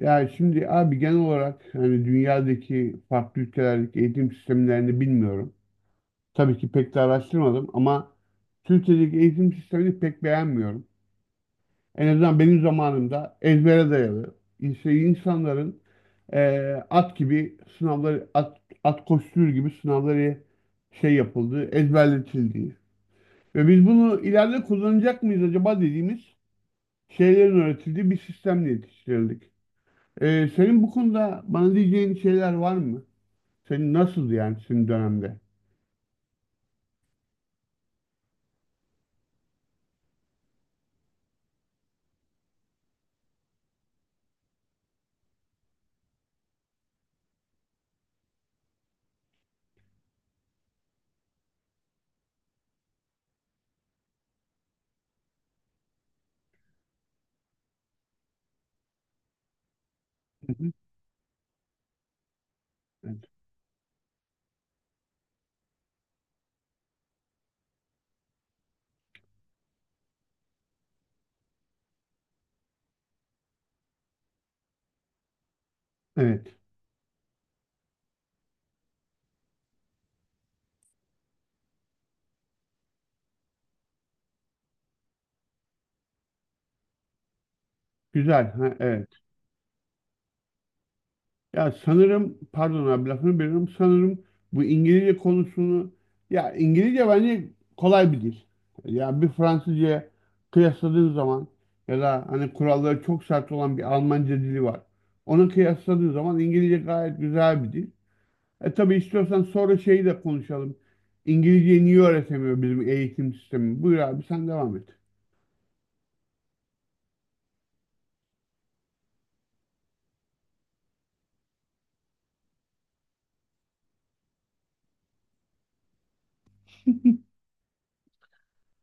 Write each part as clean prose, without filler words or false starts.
Yani şimdi abi genel olarak hani dünyadaki farklı ülkelerdeki eğitim sistemlerini bilmiyorum. Tabii ki pek de araştırmadım ama Türkiye'deki eğitim sistemini pek beğenmiyorum. En azından benim zamanımda ezbere dayalı. İnsanların at gibi at koşturur gibi sınavları şey yapıldığı, ezberletildiği. Ve biz bunu ileride kullanacak mıyız acaba dediğimiz şeylerin öğretildiği bir sistemle yetiştirildik. Senin bu konuda bana diyeceğin şeyler var mı? Senin nasıldı yani senin dönemde? Hı hı. Evet. Evet. Güzel. Ha, evet. Ya sanırım pardon abi lafını bölüyorum. Sanırım bu İngilizce konusunu ya İngilizce bence kolay bir dil. Ya bir Fransızca kıyasladığın zaman ya da hani kuralları çok sert olan bir Almanca dili var. Onu kıyasladığın zaman İngilizce gayet güzel bir dil. E tabii istiyorsan sonra şeyi de konuşalım. İngilizceyi niye öğretemiyor bizim eğitim sistemi? Buyur abi sen devam et.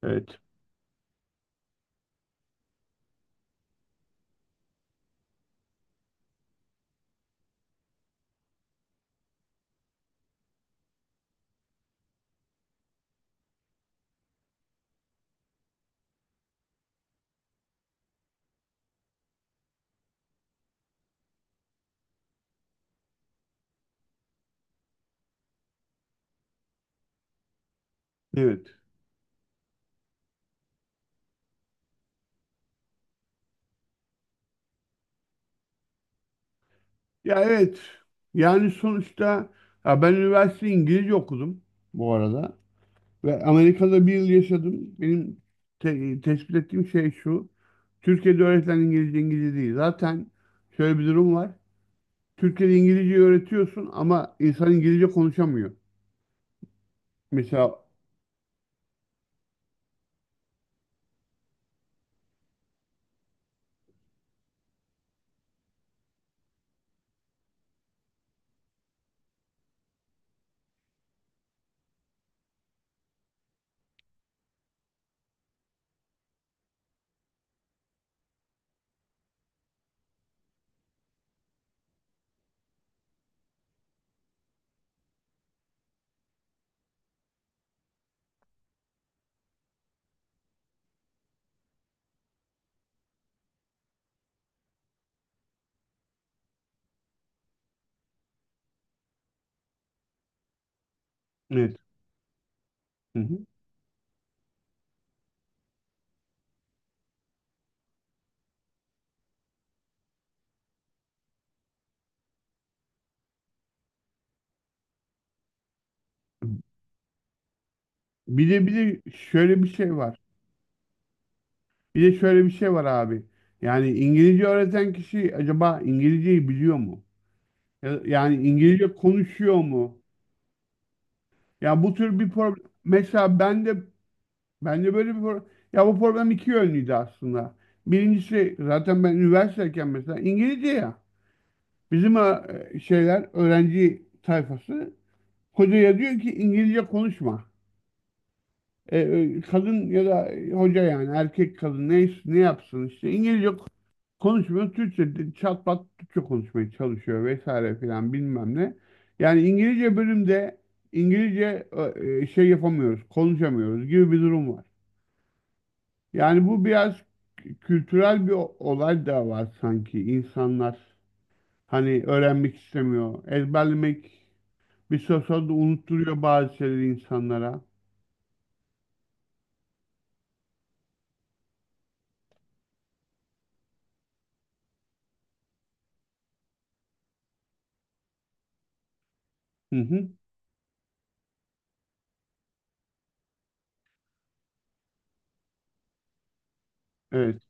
Evet. Evet. Ya evet. Yani sonuçta ya ben üniversite İngilizce okudum bu arada. Ve Amerika'da bir yıl yaşadım. Benim tespit ettiğim şey şu. Türkiye'de öğretilen İngilizce İngilizce değil. Zaten şöyle bir durum var. Türkiye'de İngilizce öğretiyorsun ama insan İngilizce konuşamıyor. Mesela evet. Hı hı. Bir de şöyle bir şey var. Bir de şöyle bir şey var abi. Yani İngilizce öğreten kişi acaba İngilizceyi biliyor mu? Yani İngilizce konuşuyor mu? Ya bu tür bir problem. Mesela ben de ben de böyle bir problem. Ya bu problem iki yönlüydü aslında. Birincisi zaten ben üniversiteyken mesela İngilizce ya. Bizim şeyler öğrenci tayfası hocaya diyor ki İngilizce konuşma. Kadın ya da hoca yani erkek kadın neyse ne yapsın işte İngilizce konuşmuyor. Çat pat Türkçe konuşmaya çalışıyor vesaire filan bilmem ne. Yani İngilizce bölümde İngilizce şey yapamıyoruz, konuşamıyoruz gibi bir durum var. Yani bu biraz kültürel bir olay da var sanki. İnsanlar hani öğrenmek istemiyor, ezberlemek bir süre sonra da unutturuyor bazı şeyleri insanlara. Hı hı. Evet.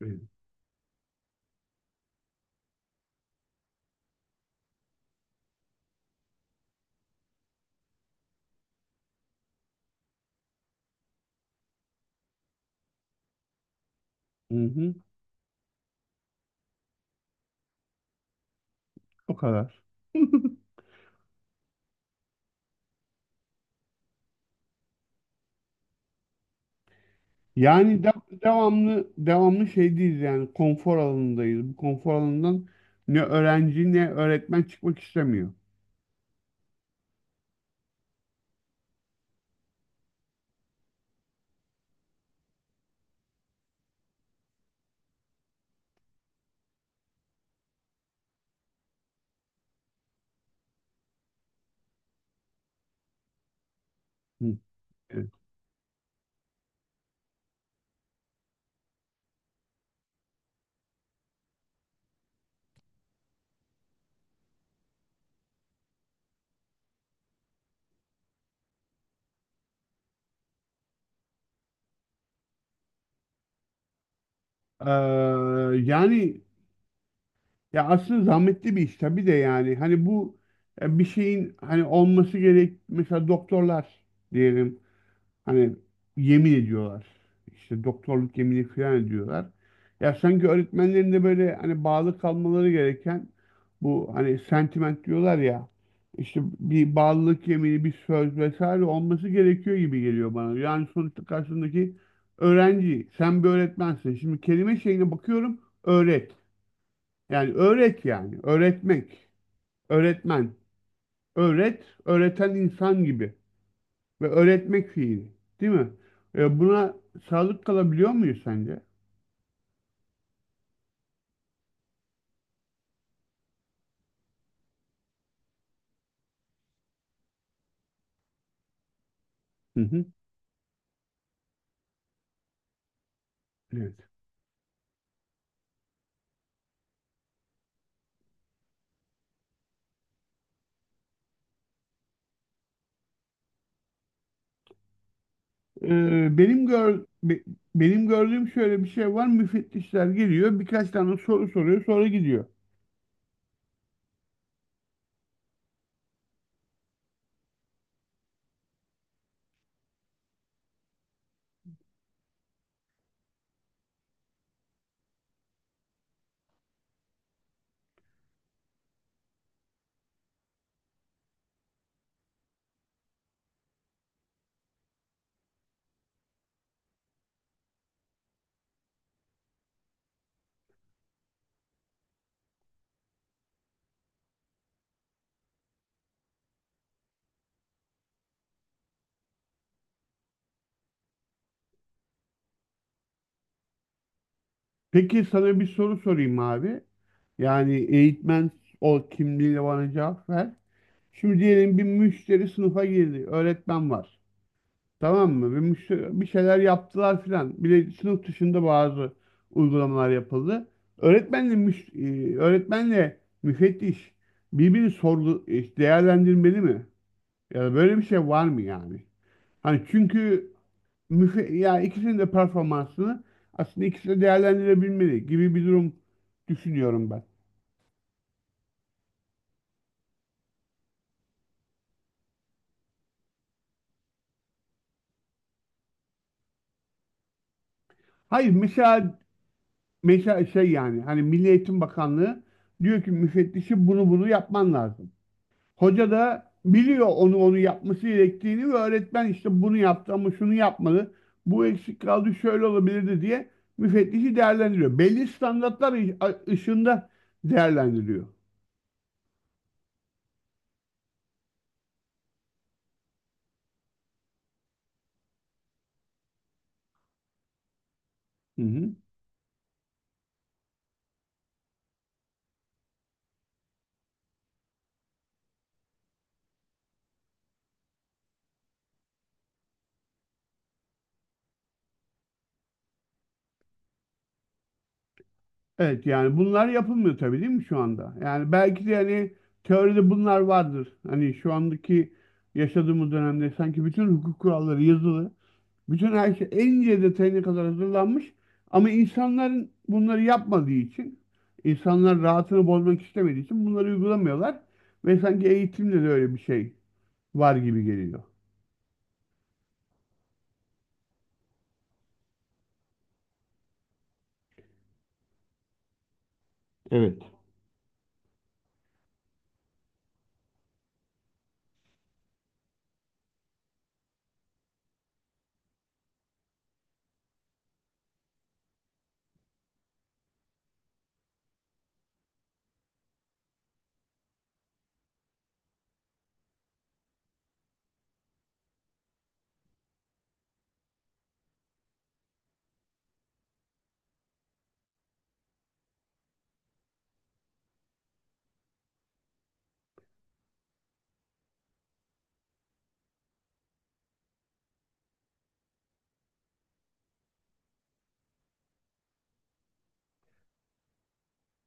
Evet. Hı hı. O kadar. Yani de- Devamlı devamlı şeydeyiz yani konfor alanındayız. Bu konfor alanından ne öğrenci ne öğretmen çıkmak istemiyor. Hı. Evet. Ee, Yani ya aslında zahmetli bir iş tabii de yani hani bu bir şeyin hani olması gerek mesela doktorlar diyelim. Hani yemin ediyorlar. İşte doktorluk yemini falan ediyorlar. Ya sanki öğretmenlerin de böyle hani bağlı kalmaları gereken bu hani sentiment diyorlar ya işte bir bağlılık yemini, bir söz vesaire olması gerekiyor gibi geliyor bana. Yani sonuçta karşındaki öğrenci, sen bir öğretmensin. Şimdi kelime şeyine bakıyorum, öğret. Yani öğret yani, öğretmek, öğretmen, öğret, öğreten insan gibi ve öğretmek fiili, değil mi? Buna sadık kalabiliyor muyuz sence? Hı hı. Evet. E, benim gör be- Benim gördüğüm şöyle bir şey var. Müfettişler geliyor, birkaç tane soru soruyor, sonra gidiyor. Peki sana bir soru sorayım abi. Yani eğitmen ol kimliğiyle bana cevap ver. Şimdi diyelim bir müşteri sınıfa girdi, öğretmen var. Tamam mı? Bir şeyler yaptılar filan. Bir de sınıf dışında bazı uygulamalar yapıldı. Öğretmenle müfettiş birbirini değerlendirmeli mi? Ya da böyle bir şey var mı yani? Hani çünkü müfe ya ikisinin de performansını aslında ikisi de değerlendirebilmeli gibi bir durum düşünüyorum ben. Hayır mesela mesela şey yani hani Milli Eğitim Bakanlığı diyor ki müfettişi bunu bunu yapman lazım. Hoca da biliyor onu onu yapması gerektiğini ve öğretmen işte bunu yaptı ama şunu yapmadı. Bu eksik kaldı şöyle olabilirdi diye müfettişi değerlendiriyor. Belli standartlar ışığında değerlendiriyor. Hı hı. Evet yani bunlar yapılmıyor tabii değil mi şu anda? Yani belki de hani teoride bunlar vardır. Hani şu andaki yaşadığımız dönemde sanki bütün hukuk kuralları yazılı. Bütün her şey en ince detayına kadar hazırlanmış. Ama insanların bunları yapmadığı için, insanlar rahatını bozmak istemediği için bunları uygulamıyorlar. Ve sanki eğitimde de öyle bir şey var gibi geliyor. Evet.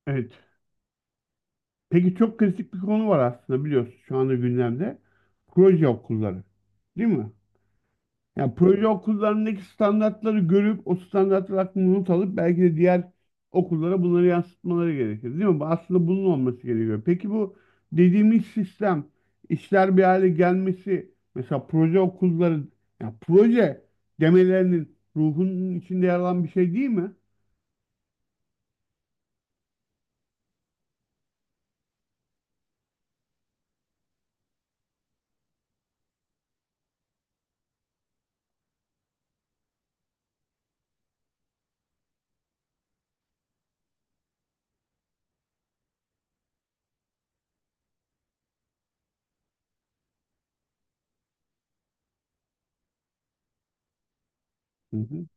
Evet. Peki çok kritik bir konu var aslında biliyorsun şu anda gündemde. Proje okulları. Değil mi? Yani proje okullarındaki standartları görüp o standartlar hakkında not alıp belki de diğer okullara bunları yansıtmaları gerekir, değil mi? Bu aslında bunun olması gerekiyor. Peki bu dediğimiz sistem, işler bir hale gelmesi, mesela proje okulları, yani proje demelerinin ruhunun içinde yer alan bir şey değil mi? Hı hı.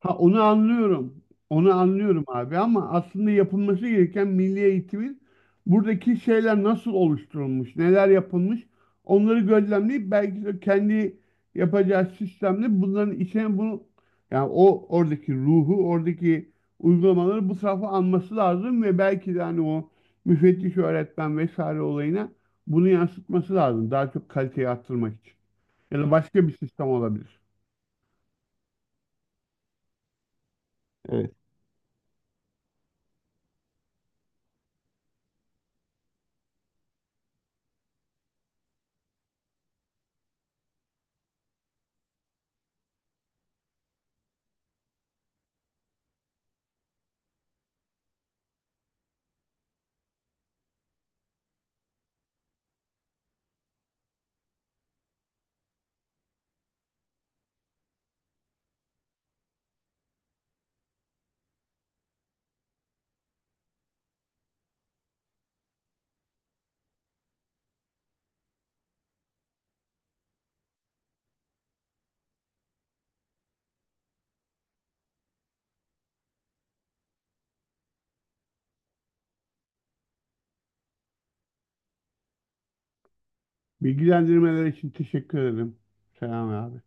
Ha onu anlıyorum. Onu anlıyorum abi ama aslında yapılması gereken milli eğitimin buradaki şeyler nasıl oluşturulmuş, neler yapılmış onları gözlemleyip belki de kendi yapacağı sistemle bunların içine bunu yani o oradaki ruhu, oradaki uygulamaları bu tarafa alması lazım ve belki de hani o müfettiş öğretmen vesaire olayına bunu yansıtması lazım. Daha çok kaliteyi arttırmak için. Ya da başka bir sistem olabilir. Evet. Bilgilendirmeler için teşekkür ederim. Selam abi.